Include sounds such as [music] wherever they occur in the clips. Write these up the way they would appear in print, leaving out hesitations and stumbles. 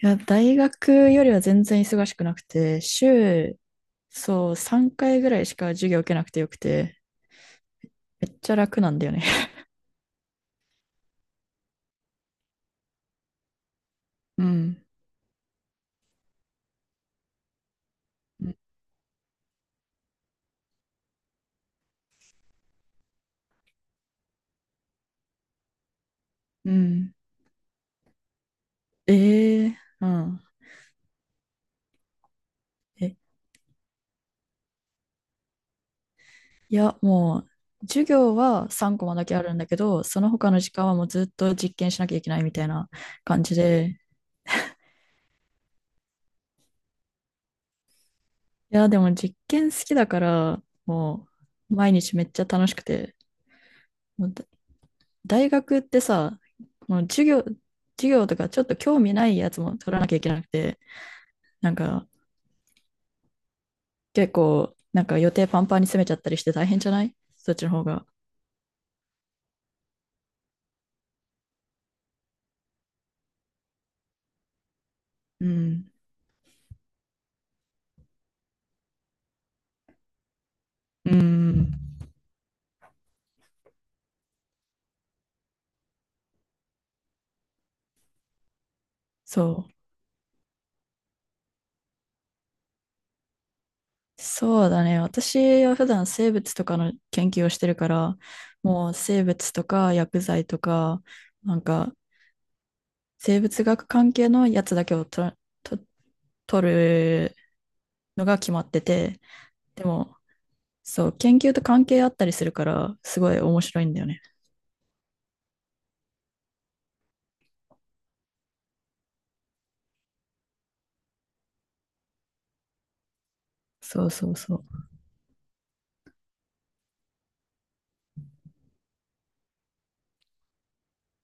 いや、大学よりは全然忙しくなくて、週、そう、3回ぐらいしか授業受けなくてよくて、めっちゃ楽なんだよね。[laughs] うん。うん。ええ、うん。え、いや、もう、授業は3コマだけあるんだけど、その他の時間はもうずっと実験しなきゃいけないみたいな感じで、いや、でも実験好きだから、もう、毎日めっちゃ楽しくて、もう大学ってさ、もう授業とかちょっと興味ないやつも取らなきゃいけなくて、なんか結構、なんか予定パンパンに詰めちゃったりして大変じゃない、そっちの方が？うん。うん。そう。そうだね。私は普段生物とかの研究をしてるから、もう生物とか薬剤とか、なんか生物学関係のやつだけをと、取るのが決まってて、でもそう、研究と関係あったりするから、すごい面白いんだよね。そうそうそう。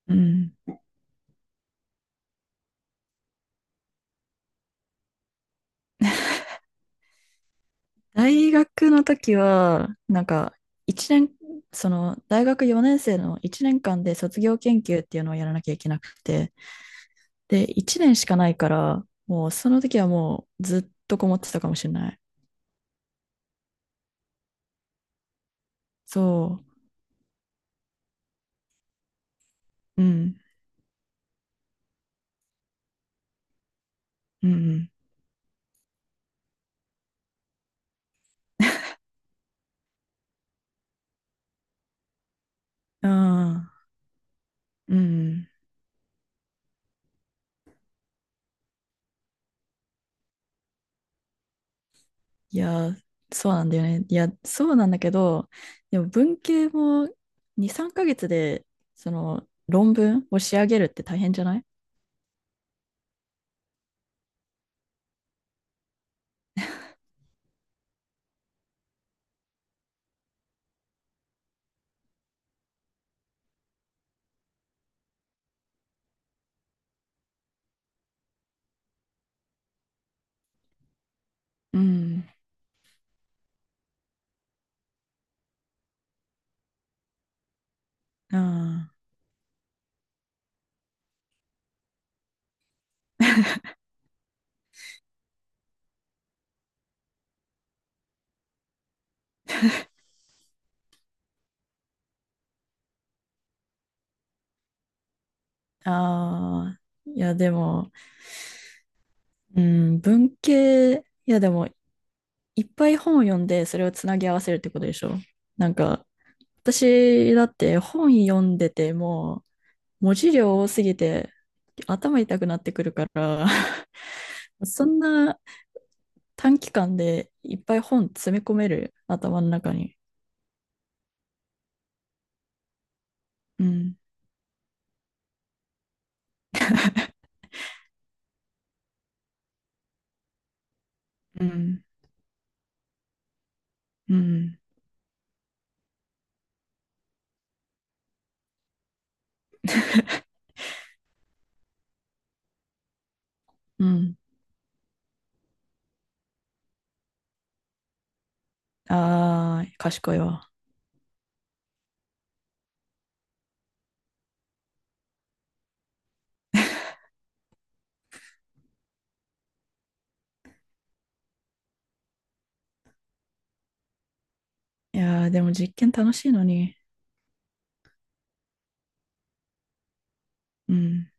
うん。大学の時は、なんか、一年、その、大学4年生の1年間で卒業研究っていうのをやらなきゃいけなくて、で、1年しかないから、もうその時はもうずっとこもってたかもしれない。そう。うん。うん。うん。うん。うん。いやー、そうなんだよね。いや、そうなんだけど、でも文系も2、3ヶ月で、その論文を仕上げるって大変じゃない？うん。うん。ああ、いや、でも、うん、文系、いや、でも、いっぱい本を読んで、それをつなぎ合わせるってことでしょ？なんか、私だって本読んでてもう、文字量多すぎて、頭痛くなってくるから [laughs] そんな短期間でいっぱい本詰め込める、頭の中に？うん、うん、うん [laughs]。うん。あー、賢いわ。いやー、でも実験楽しいのに。うん。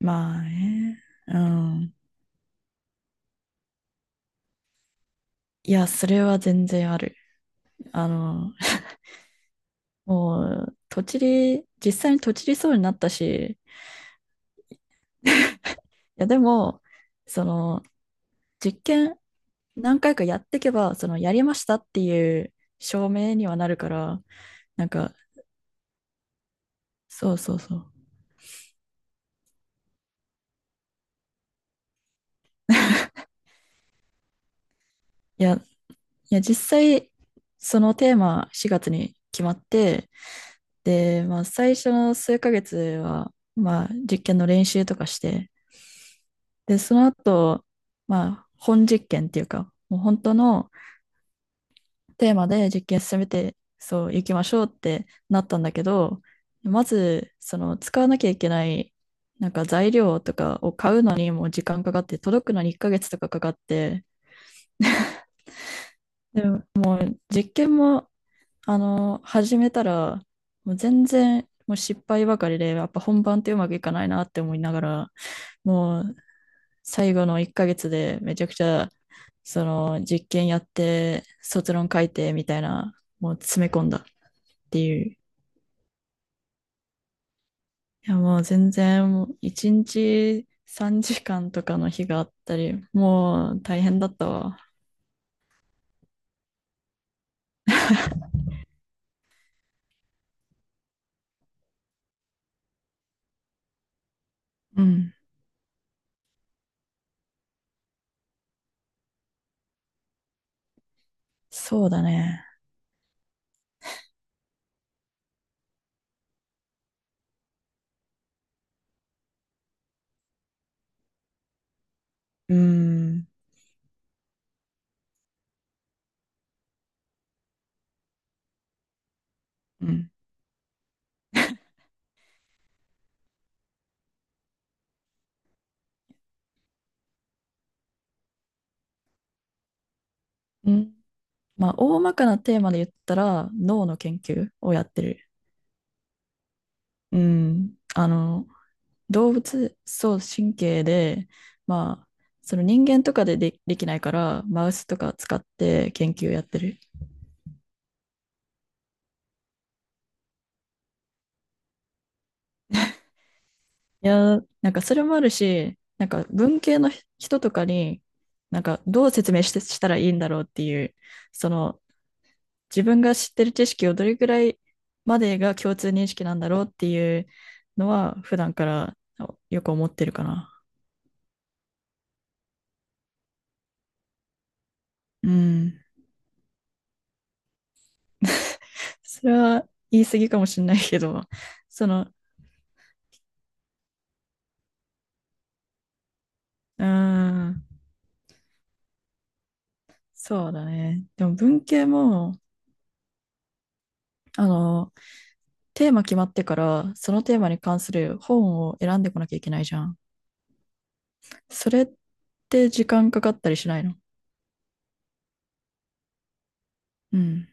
まあね。うん。いや、それは全然ある。あの、もう、とちり、実際にとちりそうになったし、いや、でも、その、実験何回かやっていけば、その、やりましたっていう証明にはなるから、なんか、そうそうそう。いや、いや、実際、そのテーマ4月に決まって、で、まあ、最初の数ヶ月は、まあ、実験の練習とかして、で、その後、まあ、本実験っていうか、もう本当のテーマで実験進めて、そう、行きましょうってなったんだけど、まず、その、使わなきゃいけない、なんか材料とかを買うのにも時間かかって、届くのに1ヶ月とかかかって、でも、もう実験も、あの、始めたら、もう全然、もう失敗ばかりで、やっぱ本番ってうまくいかないなって思いながら、もう最後の1ヶ月でめちゃくちゃ、その実験やって、卒論書いてみたいな、もう詰め込んだっていう。いや、もう全然、もう1日3時間とかの日があったり、もう大変だったわ。うん。そうだね。うーん。うん。うん。まあ、大まかなテーマで言ったら、脳の研究をやってる。うん。あの、動物、そう、神経で、まあ、その人間とかで、で、きないから、マウスとか使って研究やってる。いやー、なんかそれもあるし、なんか文系の人とかに、なんかどう説明してしたらいいんだろうっていう、その自分が知ってる知識をどれぐらいまでが共通認識なんだろうっていうのは、普段からよく思ってるかな。うん。それは言い過ぎかもしれないけど、その、うーん、そうだね。でも文系も、あの、テーマ決まってから、そのテーマに関する本を選んでこなきゃいけないじゃん。それって時間かかったりしないの？うん、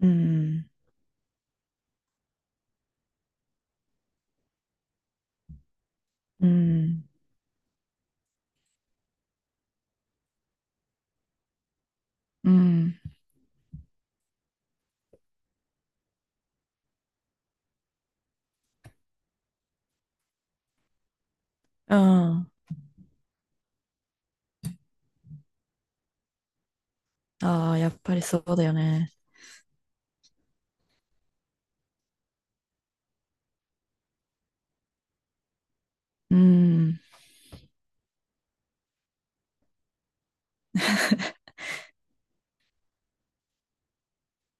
うん、うん、うん、うん。ああ、やっぱりそうだよね。うん。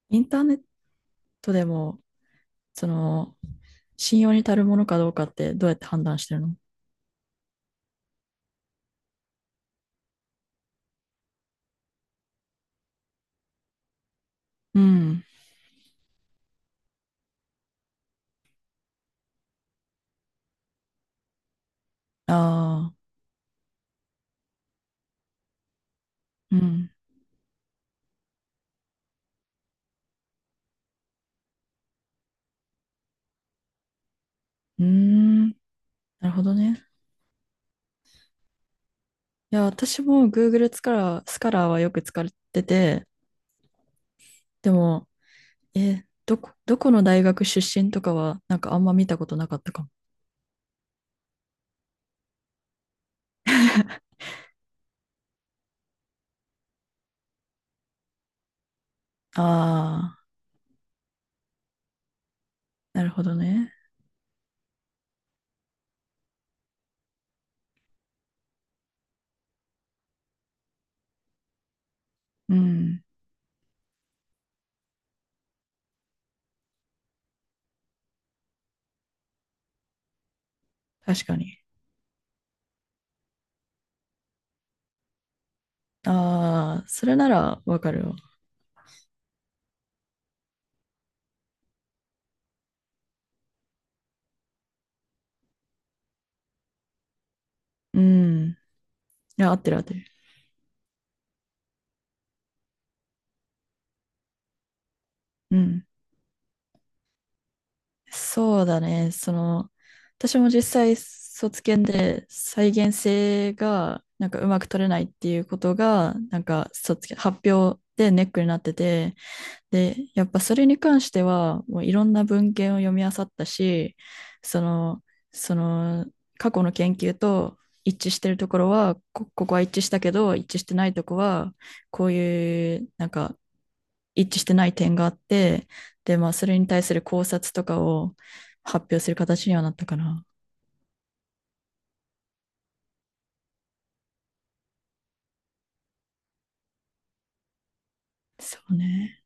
インターネットでも、その、信用に足るものかどうかってどうやって判断してるの？うん。ああ。うん。うーん。なるほどね。いや、私も Google スカラーはよく使ってて、でも、どこの大学出身とかは、なんかあんま見たことなかったかも。ああ、なるほどね。うん。確かに。ああ、それならわかるわ。うん。いや、合ってる合ってる。うん。そうだね。その、私も実際卒検で再現性がなんかうまく取れないっていうことが、なんか卒検、発表でネックになってて、で、やっぱそれに関しては、もういろんな文献を読み漁ったし、その、その、過去の研究と一致してるところは、ここは一致したけど、一致してないとこは、こういう、なんか、一致してない点があって、で、まあ、それに対する考察とかを発表する形にはなったかな。そうね。